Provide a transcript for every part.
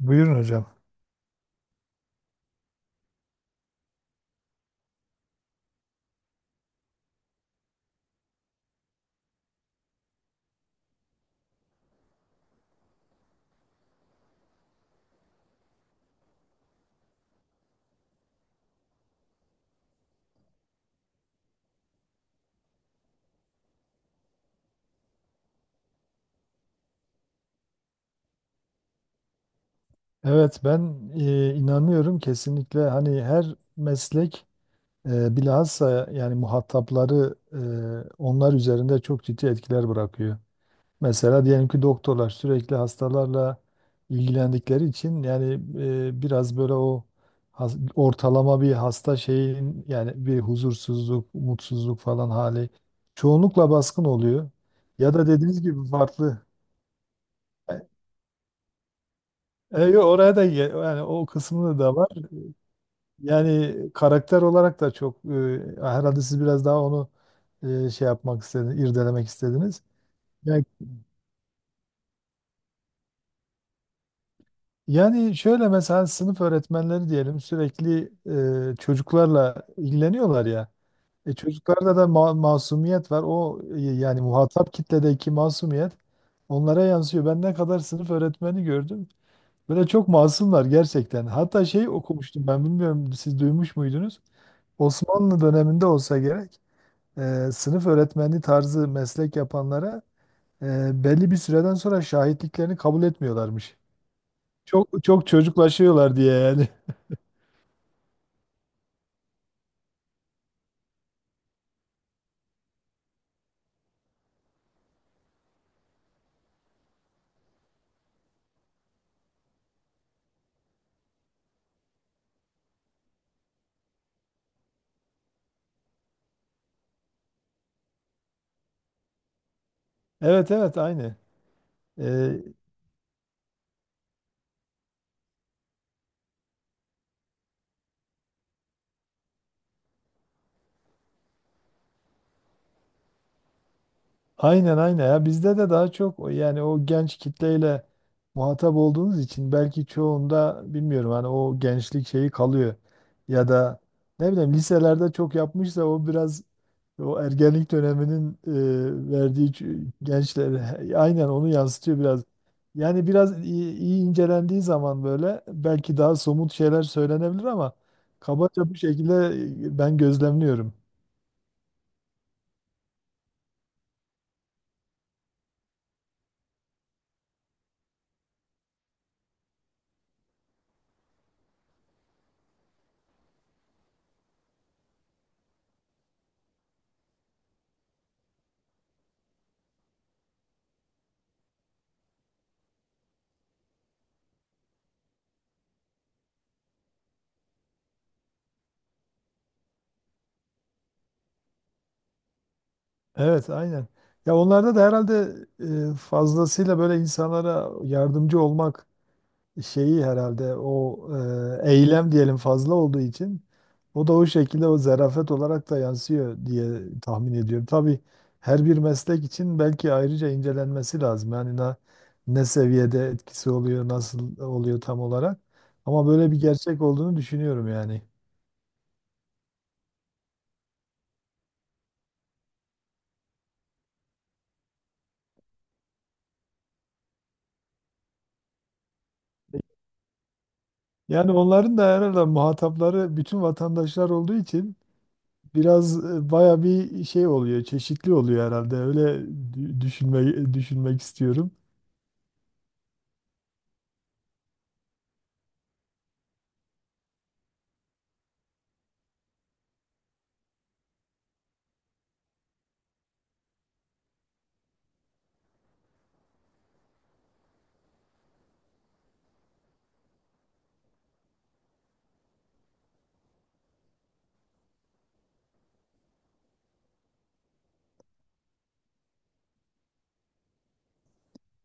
Buyurun hocam. Evet ben inanıyorum kesinlikle hani her meslek bilhassa yani muhatapları onlar üzerinde çok ciddi etkiler bırakıyor. Mesela diyelim ki doktorlar sürekli hastalarla ilgilendikleri için yani biraz böyle o ortalama bir hasta şeyin yani bir huzursuzluk, mutsuzluk falan hali çoğunlukla baskın oluyor. Ya da dediğiniz gibi farklı. E, yo, oraya da yani o kısmı da var. Yani karakter olarak da çok herhalde siz biraz daha onu şey yapmak istediniz, irdelemek istediniz. Yani, yani şöyle mesela sınıf öğretmenleri diyelim sürekli çocuklarla ilgileniyorlar ya. E, çocuklarda da masumiyet var. O yani muhatap kitledeki masumiyet onlara yansıyor. Ben ne kadar sınıf öğretmeni gördüm. Böyle çok masumlar gerçekten. Hatta şey okumuştum ben, bilmiyorum, siz duymuş muydunuz? Osmanlı döneminde olsa gerek. Sınıf öğretmenliği tarzı meslek yapanlara belli bir süreden sonra şahitliklerini kabul etmiyorlarmış. Çok çok çocuklaşıyorlar diye yani. Evet evet aynı. E, Aynen aynen ya, bizde de daha çok yani o genç kitleyle muhatap olduğunuz için belki çoğunda bilmiyorum hani o gençlik şeyi kalıyor, ya da ne bileyim liselerde çok yapmışsa o biraz o ergenlik döneminin verdiği gençlere aynen onu yansıtıyor biraz. Yani iyi incelendiği zaman böyle belki daha somut şeyler söylenebilir ama kabaca bu şekilde ben gözlemliyorum. Evet, aynen. Ya onlarda da herhalde fazlasıyla böyle insanlara yardımcı olmak şeyi herhalde o eylem diyelim fazla olduğu için o da o şekilde o zarafet olarak da yansıyor diye tahmin ediyorum. Tabii her bir meslek için belki ayrıca incelenmesi lazım. Yani ne seviyede etkisi oluyor, nasıl oluyor tam olarak. Ama böyle bir gerçek olduğunu düşünüyorum yani. Yani onların da herhalde muhatapları bütün vatandaşlar olduğu için biraz baya bir şey oluyor, çeşitli oluyor herhalde. Öyle düşünmek istiyorum.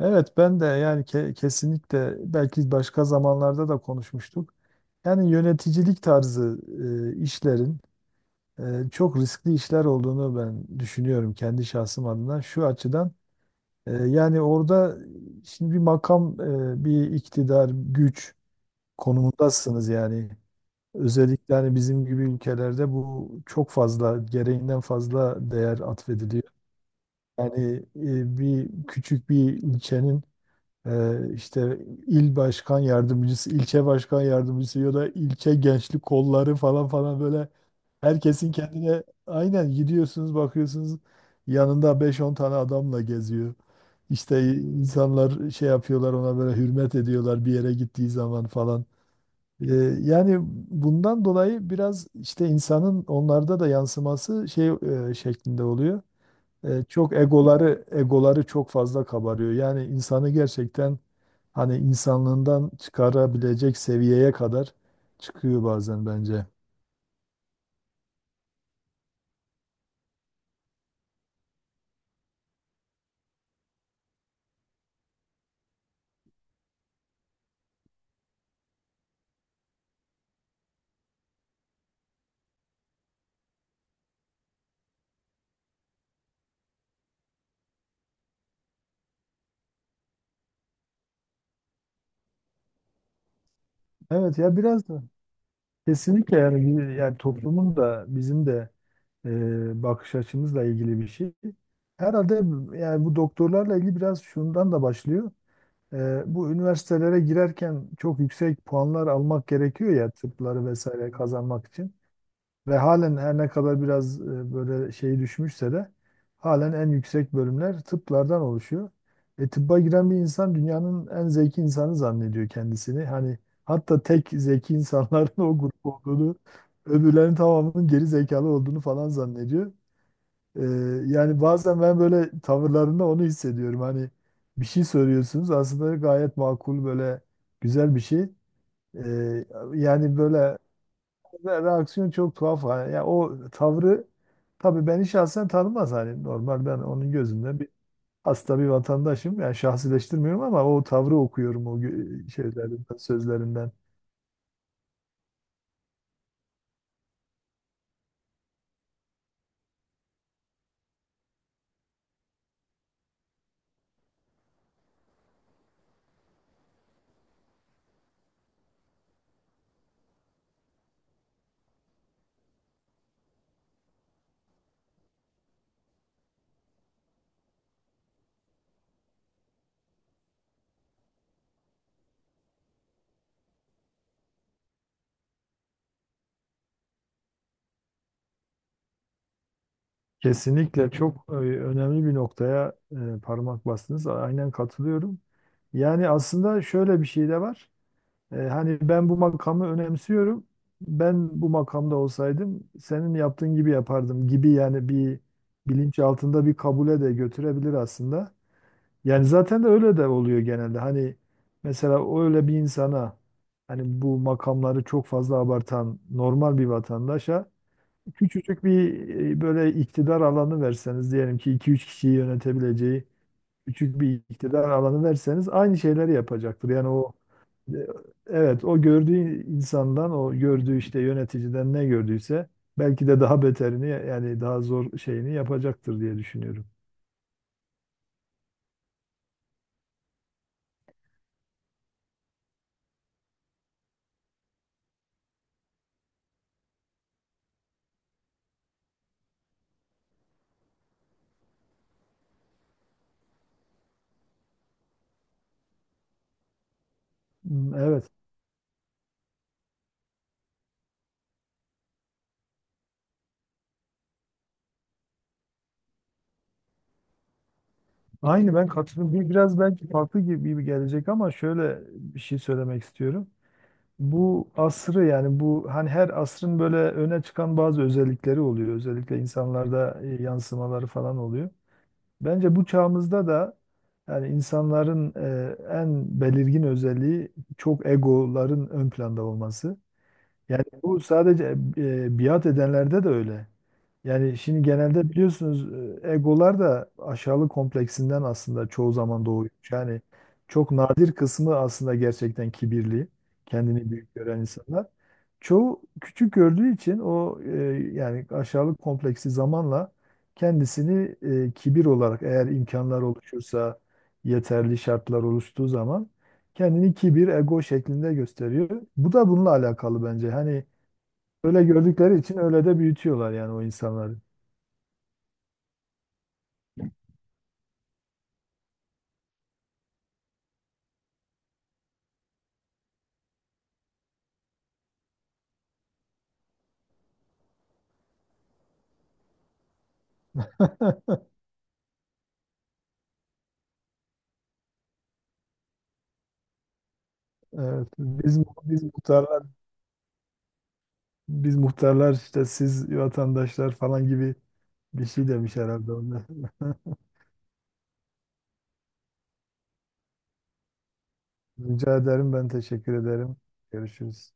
Evet, ben de yani kesinlikle, belki başka zamanlarda da konuşmuştuk. Yani yöneticilik tarzı işlerin çok riskli işler olduğunu ben düşünüyorum kendi şahsım adına. Şu açıdan yani orada şimdi bir makam, bir iktidar, güç konumundasınız yani. Özellikle hani bizim gibi ülkelerde bu çok fazla, gereğinden fazla değer atfediliyor. Yani bir küçük bir ilçenin işte il başkan yardımcısı, ilçe başkan yardımcısı ya da ilçe gençlik kolları falan falan, böyle herkesin kendine, aynen, gidiyorsunuz bakıyorsunuz yanında beş on tane adamla geziyor. İşte insanlar şey yapıyorlar, ona böyle hürmet ediyorlar bir yere gittiği zaman falan. Ee, Yani bundan dolayı biraz işte insanın onlarda da yansıması şey şeklinde oluyor. E, çok egoları egoları çok fazla kabarıyor. Yani insanı gerçekten hani insanlığından çıkarabilecek seviyeye kadar çıkıyor bazen bence. Evet ya biraz da kesinlikle yani yani toplumun da bizim de bakış açımızla ilgili bir şey. Herhalde yani bu doktorlarla ilgili biraz şundan da başlıyor. Bu üniversitelere girerken çok yüksek puanlar almak gerekiyor ya, tıpları vesaire kazanmak için. Ve halen her ne kadar biraz böyle şey düşmüşse de halen en yüksek bölümler tıplardan oluşuyor. E, tıbba giren bir insan dünyanın en zeki insanı zannediyor kendisini. Hani hatta tek zeki insanların o grup olduğunu, öbürlerin tamamının geri zekalı olduğunu falan zannediyor. Ee, yani bazen ben böyle tavırlarında onu hissediyorum. Hani bir şey söylüyorsunuz aslında gayet makul, böyle güzel bir şey. Ee, Yani böyle reaksiyon çok tuhaf. Yani ya o tavrı, tabii beni şahsen tanımaz, hani normal, ben onun gözünden bir hasta bir vatandaşım. Yani şahsileştirmiyorum ama o tavrı okuyorum o şeylerinden, sözlerinden. Kesinlikle çok önemli bir noktaya parmak bastınız. Aynen katılıyorum. Yani aslında şöyle bir şey de var. E, hani ben bu makamı önemsiyorum. Ben bu makamda olsaydım senin yaptığın gibi yapardım gibi yani bir bilinç altında bir kabule de götürebilir aslında. Yani zaten de öyle de oluyor genelde. Hani mesela öyle bir insana, hani bu makamları çok fazla abartan normal bir vatandaşa küçücük bir böyle iktidar alanı verseniz, diyelim ki iki üç kişiyi yönetebileceği küçük bir iktidar alanı verseniz, aynı şeyleri yapacaktır. Yani o. Evet, o gördüğü insandan, o gördüğü işte yöneticiden ne gördüyse belki de daha beterini, yani daha zor şeyini yapacaktır diye düşünüyorum. Hmm, evet. Aynı ben katılıyorum. Biraz belki farklı gibi gibi gelecek ama şöyle bir şey söylemek istiyorum. Bu asrı, yani bu, hani her asrın böyle öne çıkan bazı özellikleri oluyor. Özellikle insanlarda yansımaları falan oluyor. Bence bu çağımızda da yani insanların en belirgin özelliği çok egoların ön planda olması. Yani bu sadece biat edenlerde de öyle. Yani şimdi genelde biliyorsunuz egolar da aşağılık kompleksinden aslında çoğu zaman doğuyor. Yani çok nadir kısmı aslında gerçekten kibirli, kendini büyük gören insanlar. Çoğu küçük gördüğü için o yani aşağılık kompleksi zamanla kendisini kibir olarak, eğer imkanlar oluşursa, yeterli şartlar oluştuğu zaman kendini kibir, ego şeklinde gösteriyor. Bu da bununla alakalı bence. Hani öyle gördükleri için öyle de büyütüyorlar yani o insanları. Evet, biz muhtarlar biz muhtarlar işte siz vatandaşlar falan gibi bir şey demiş herhalde onlar. Rica ederim, ben teşekkür ederim. Görüşürüz.